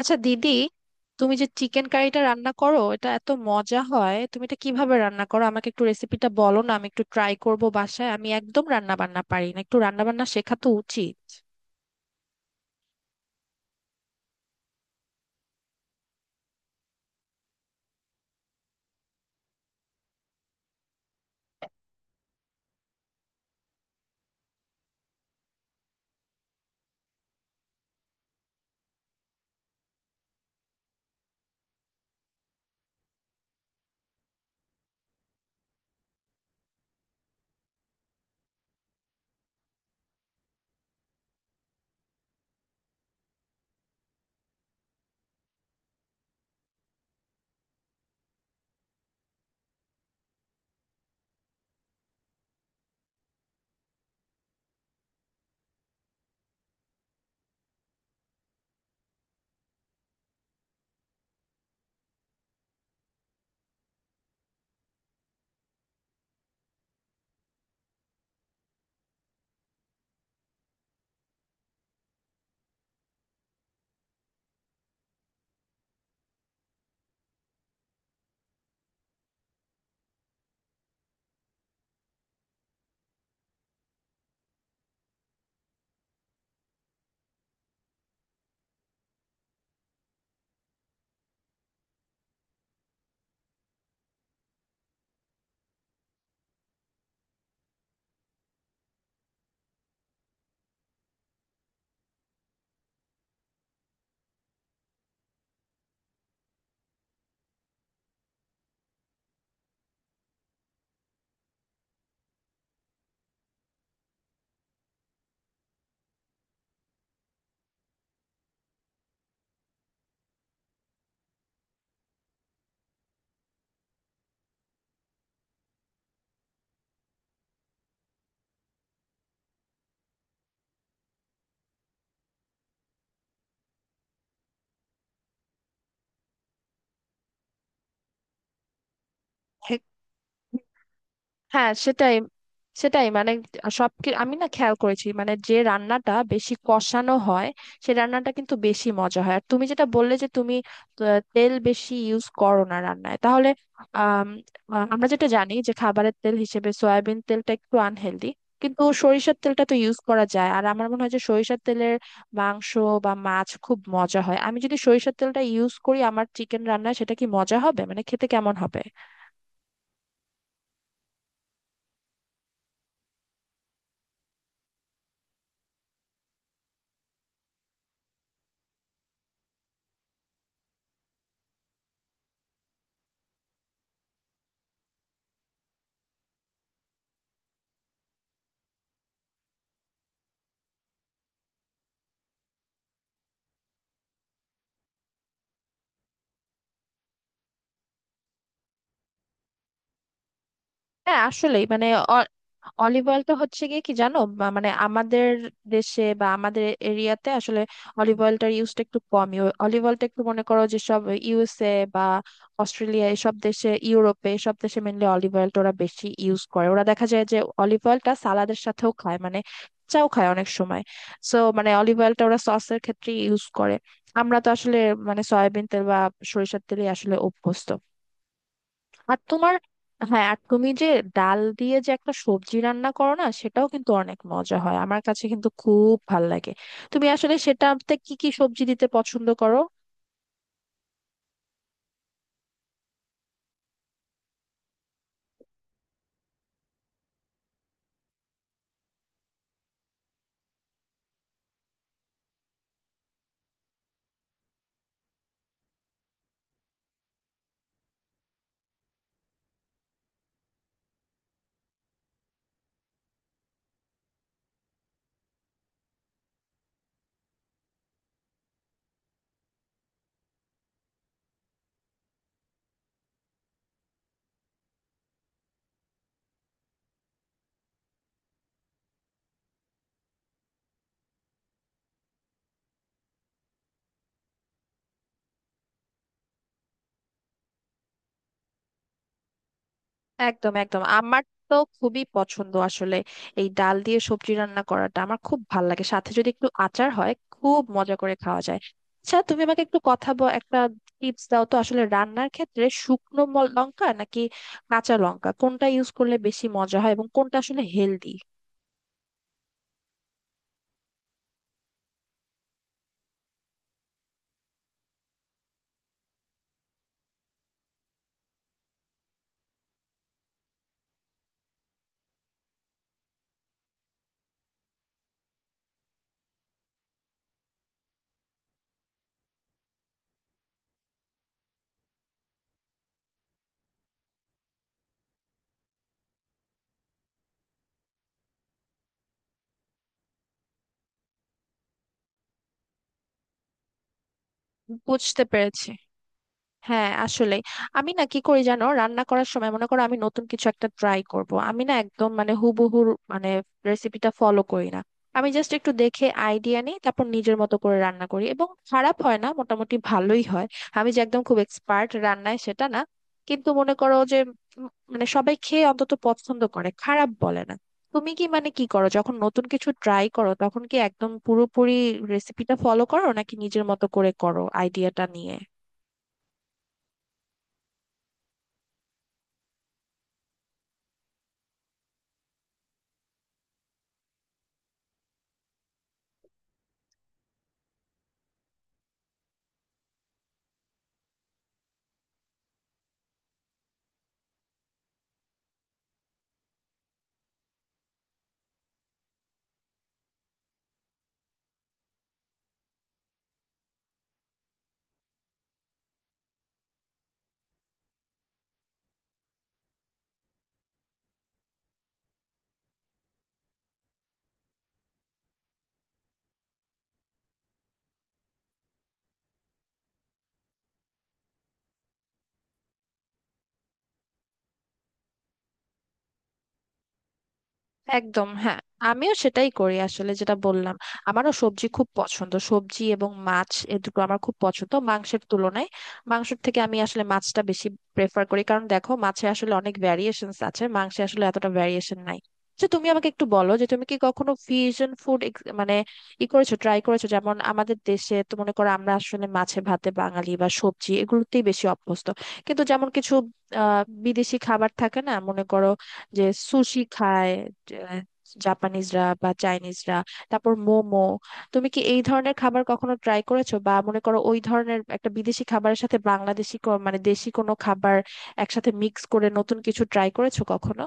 আচ্ছা দিদি, তুমি যে চিকেন কারিটা রান্না করো এটা এত মজা হয়, তুমি এটা কিভাবে রান্না করো? আমাকে একটু রেসিপিটা বলো না, আমি একটু ট্রাই করব বাসায়। আমি একদম রান্না বান্না পারি না, একটু রান্না বান্না শেখা তো উচিত। হ্যাঁ, সেটাই। সেটাই। আমি না খেয়াল করেছি মানে যে রান্নাটা বেশি কষানো হয় সে রান্নাটা কিন্তু বেশি মজা হয়। আর তুমি যেটা বললে যে তুমি তেল বেশি ইউজ করো না রান্নায় তাহলে, আম, আমরা যেটা জানি যে খাবারের তেল হিসেবে সয়াবিন তেলটা একটু আনহেলদি, কিন্তু সরিষার তেলটা তো ইউজ করা যায়। আর আমার মনে হয় যে সরিষার তেলের মাংস বা মাছ খুব মজা হয়। আমি যদি সরিষার তেলটা ইউজ করি আমার চিকেন রান্নায়, সেটা কি মজা হবে? মানে খেতে কেমন হবে? হ্যাঁ, আসলেই মানে অ- অলিভ অয়েল তো হচ্ছে গিয়ে, কি জানো, বা মানে আমাদের দেশে বা আমাদের এরিয়াতে আসলে অলিভ অয়েলটার ইউজটা একটু কমই। অলিভ অয়েলটা একটু মনে করো, যেসব ইউএসএ বা অস্ট্রেলিয়া এসব দেশে, ইউরোপে এসব দেশে মেনলি অলিভ অয়েলটা ওরা বেশি ইউজ করে। ওরা দেখা যায় যে অলিভ অয়েলটা সালাদের সাথেও খায়, মানে চাও খায় অনেক সময়। সো মানে অলিভ অয়েলটা ওরা সসের ক্ষেত্রে ইউজ করে। আমরা তো আসলে মানে সয়াবিন তেল বা সরিষার তেলই আসলে অভ্যস্ত। আর তোমার, হ্যাঁ, আর তুমি যে ডাল দিয়ে যে একটা সবজি রান্না করো না, সেটাও কিন্তু অনেক মজা হয়, আমার কাছে কিন্তু খুব ভাল লাগে। তুমি আসলে সেটাতে কি কি সবজি দিতে পছন্দ করো? একদম একদম, আমার তো খুবই পছন্দ আসলে এই ডাল দিয়ে সবজি রান্না করাটা, আমার খুব ভাল লাগে। সাথে যদি একটু আচার হয় খুব মজা করে খাওয়া যায়। আচ্ছা, তুমি আমাকে একটু একটা টিপস দাও তো আসলে, রান্নার ক্ষেত্রে শুকনো লঙ্কা নাকি কাঁচা লঙ্কা কোনটা ইউজ করলে বেশি মজা হয় এবং কোনটা আসলে হেলদি? বুঝতে পেরেছি। হ্যাঁ, আসলে আমি না কি করি জানো, রান্না করার সময় মনে করো আমি নতুন কিছু একটা ট্রাই করব, আমি না একদম মানে হুবহু মানে রেসিপিটা ফলো করি না। আমি জাস্ট একটু দেখে আইডিয়া নিই, তারপর নিজের মতো করে রান্না করি, এবং খারাপ হয় না, মোটামুটি ভালোই হয়। আমি যে একদম খুব এক্সপার্ট রান্নায় সেটা না, কিন্তু মনে করো যে মানে সবাই খেয়ে অন্তত পছন্দ করে, খারাপ বলে না। তুমি কি মানে কি করো যখন নতুন কিছু ট্রাই করো, তখন কি একদম পুরোপুরি রেসিপিটা ফলো করো নাকি নিজের মতো করে করো আইডিয়াটা নিয়ে? একদম, হ্যাঁ, আমিও সেটাই করি আসলে, যেটা বললাম। আমারও সবজি খুব পছন্দ, সবজি এবং মাছ এ দুটো আমার খুব পছন্দ মাংসের তুলনায়। মাংসের থেকে আমি আসলে মাছটা বেশি প্রেফার করি, কারণ দেখো মাছে আসলে অনেক ভ্যারিয়েশনস আছে, মাংসে আসলে এতটা ভ্যারিয়েশন নাই। তো তুমি আমাকে একটু বলো যে তুমি কি কখনো ফিউশন ফুড মানে ই করেছো, ট্রাই করেছো? যেমন আমাদের দেশে তো মনে করো আমরা আসলে মাছে ভাতে বাঙালি, বা সবজি এগুলোতেই বেশি অভ্যস্ত। কিন্তু যেমন কিছু বিদেশি খাবার থাকে না, মনে করো যে সুশি খায় আহ, জাপানিজরা বা চাইনিজরা, তারপর মোমো। তুমি কি এই ধরনের খাবার কখনো ট্রাই করেছো, বা মনে করো ওই ধরনের একটা বিদেশি খাবারের সাথে বাংলাদেশি মানে দেশি কোনো খাবার একসাথে মিক্স করে নতুন কিছু ট্রাই করেছো কখনো?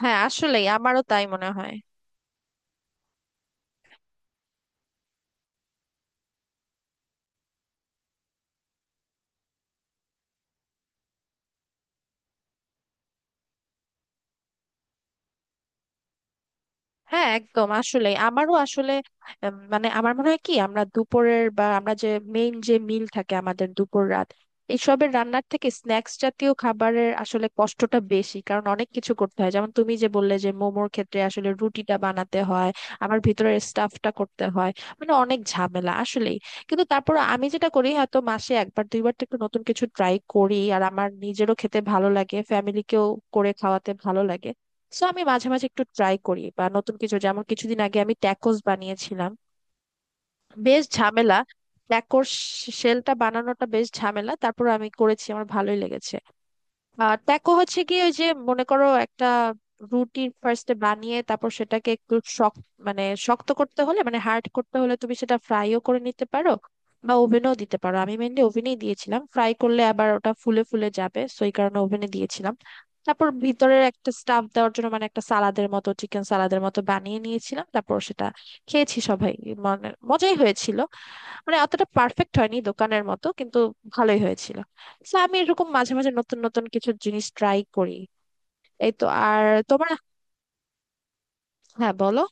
হ্যাঁ আসলেই, আমারও তাই মনে হয়। হ্যাঁ একদম, আসলে আমারও আসলে মানে আমার মনে হয় কি, আমরা দুপুরের বা আমরা যে মেইন যে মিল থাকে আমাদের দুপুর রাত এইসবের রান্নার থেকে স্ন্যাক্স জাতীয় খাবারের আসলে কষ্টটা বেশি, কারণ অনেক কিছু করতে হয়। যেমন তুমি যে বললে যে মোমোর ক্ষেত্রে আসলে রুটিটা বানাতে হয়, আবার ভিতরের স্টাফটা করতে হয়, মানে অনেক ঝামেলা আসলেই। কিন্তু তারপর আমি যেটা করি হয়তো মাসে একবার দুইবার তো একটু নতুন কিছু ট্রাই করি, আর আমার নিজেরও খেতে ভালো লাগে, ফ্যামিলিকেও করে খাওয়াতে ভালো লাগে। সো আমি মাঝে মাঝে একটু ট্রাই করি বা নতুন কিছু, যেমন কিছুদিন আগে আমি ট্যাকোস বানিয়েছিলাম। বেশ ঝামেলা, ট্যাকোর শেলটা বানানোটা বেশ ঝামেলা। তারপর আমি করেছি, আমার ভালোই লেগেছে। আহ, ট্যাকো হচ্ছে কি, ওই যে মনে করো একটা রুটি ফার্স্টে বানিয়ে তারপর সেটাকে একটু শক্ত, মানে শক্ত করতে হলে মানে হার্ড করতে হলে, তুমি সেটা ফ্রাইও করে নিতে পারো বা ওভেনও দিতে পারো। আমি মেনলি ওভেনেই দিয়েছিলাম, ফ্রাই করলে আবার ওটা ফুলে ফুলে যাবে সো এই কারণে ওভেনে দিয়েছিলাম। তারপর ভিতরের একটা স্টাফ দেওয়ার জন্য মানে একটা সালাদের মতো, চিকেন সালাদের মতো বানিয়ে নিয়েছিলাম, তারপর সেটা খেয়েছি সবাই। মানে মজাই হয়েছিল, মানে অতটা পারফেক্ট হয়নি দোকানের মতো, কিন্তু ভালোই হয়েছিল। তো আমি এরকম মাঝে মাঝে নতুন নতুন কিছু জিনিস ট্রাই করি, এই তো। আর তোমার, হ্যাঁ বলো।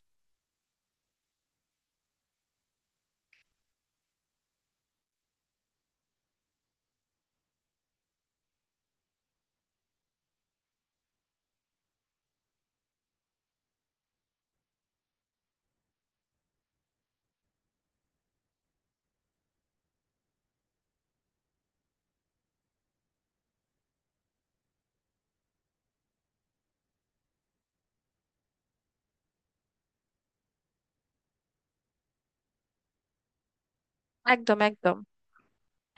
একদম একদম,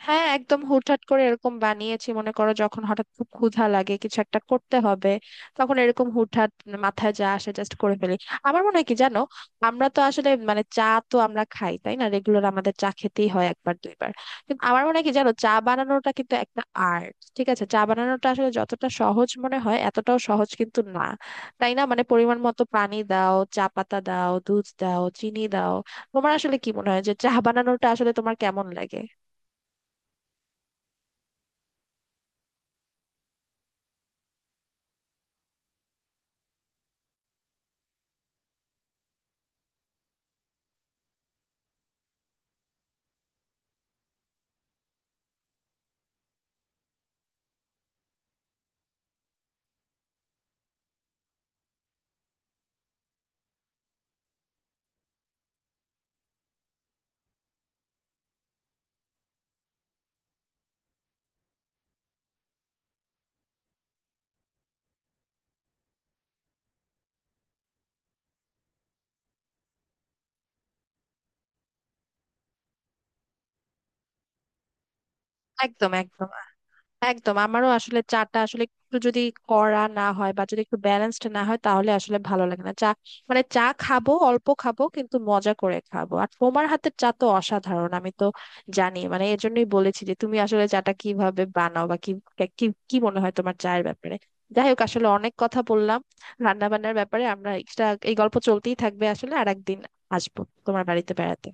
হ্যাঁ একদম হুটহাট করে এরকম বানিয়েছি, মনে করো যখন হঠাৎ খুব ক্ষুধা লাগে কিছু একটা করতে হবে, তখন এরকম হুটহাট মাথায় যা আসে জাস্ট করে ফেলি। আমার মনে হয় কি জানো, আমরা তো আসলে মানে চা তো আমরা খাই তাই না, রেগুলার আমাদের চা খেতেই হয় একবার দুইবার। কিন্তু আমার মনে হয় কি জানো, চা বানানোটা কিন্তু একটা আর্ট, ঠিক আছে? চা বানানোটা আসলে যতটা সহজ মনে হয় এতটাও সহজ কিন্তু না, তাই না? মানে পরিমাণ মতো পানি দাও, চা পাতা দাও, দুধ দাও, চিনি দাও। তোমার আসলে কি মনে হয় যে চা বানানোটা আসলে তোমার কেমন লাগে? একদম একদম, একদম আমারও আসলে চাটা আসলে একটু যদি কড়া না হয় বা যদি একটু ব্যালেন্সড না হয় তাহলে আসলে ভালো লাগে না চা। মানে চা খাবো অল্প খাবো কিন্তু মজা করে খাবো। আর তোমার হাতের চা তো অসাধারণ, আমি তো জানি, মানে এর জন্যই বলেছি যে তুমি আসলে চাটা কিভাবে বানাও বা কি কি কি মনে হয় তোমার চায়ের ব্যাপারে। যাই হোক, আসলে অনেক কথা বললাম রান্না বান্নার ব্যাপারে। আমরা এক্সট্রা এই গল্প চলতেই থাকবে আসলে, আর একদিন আসবো তোমার বাড়িতে বেড়াতে।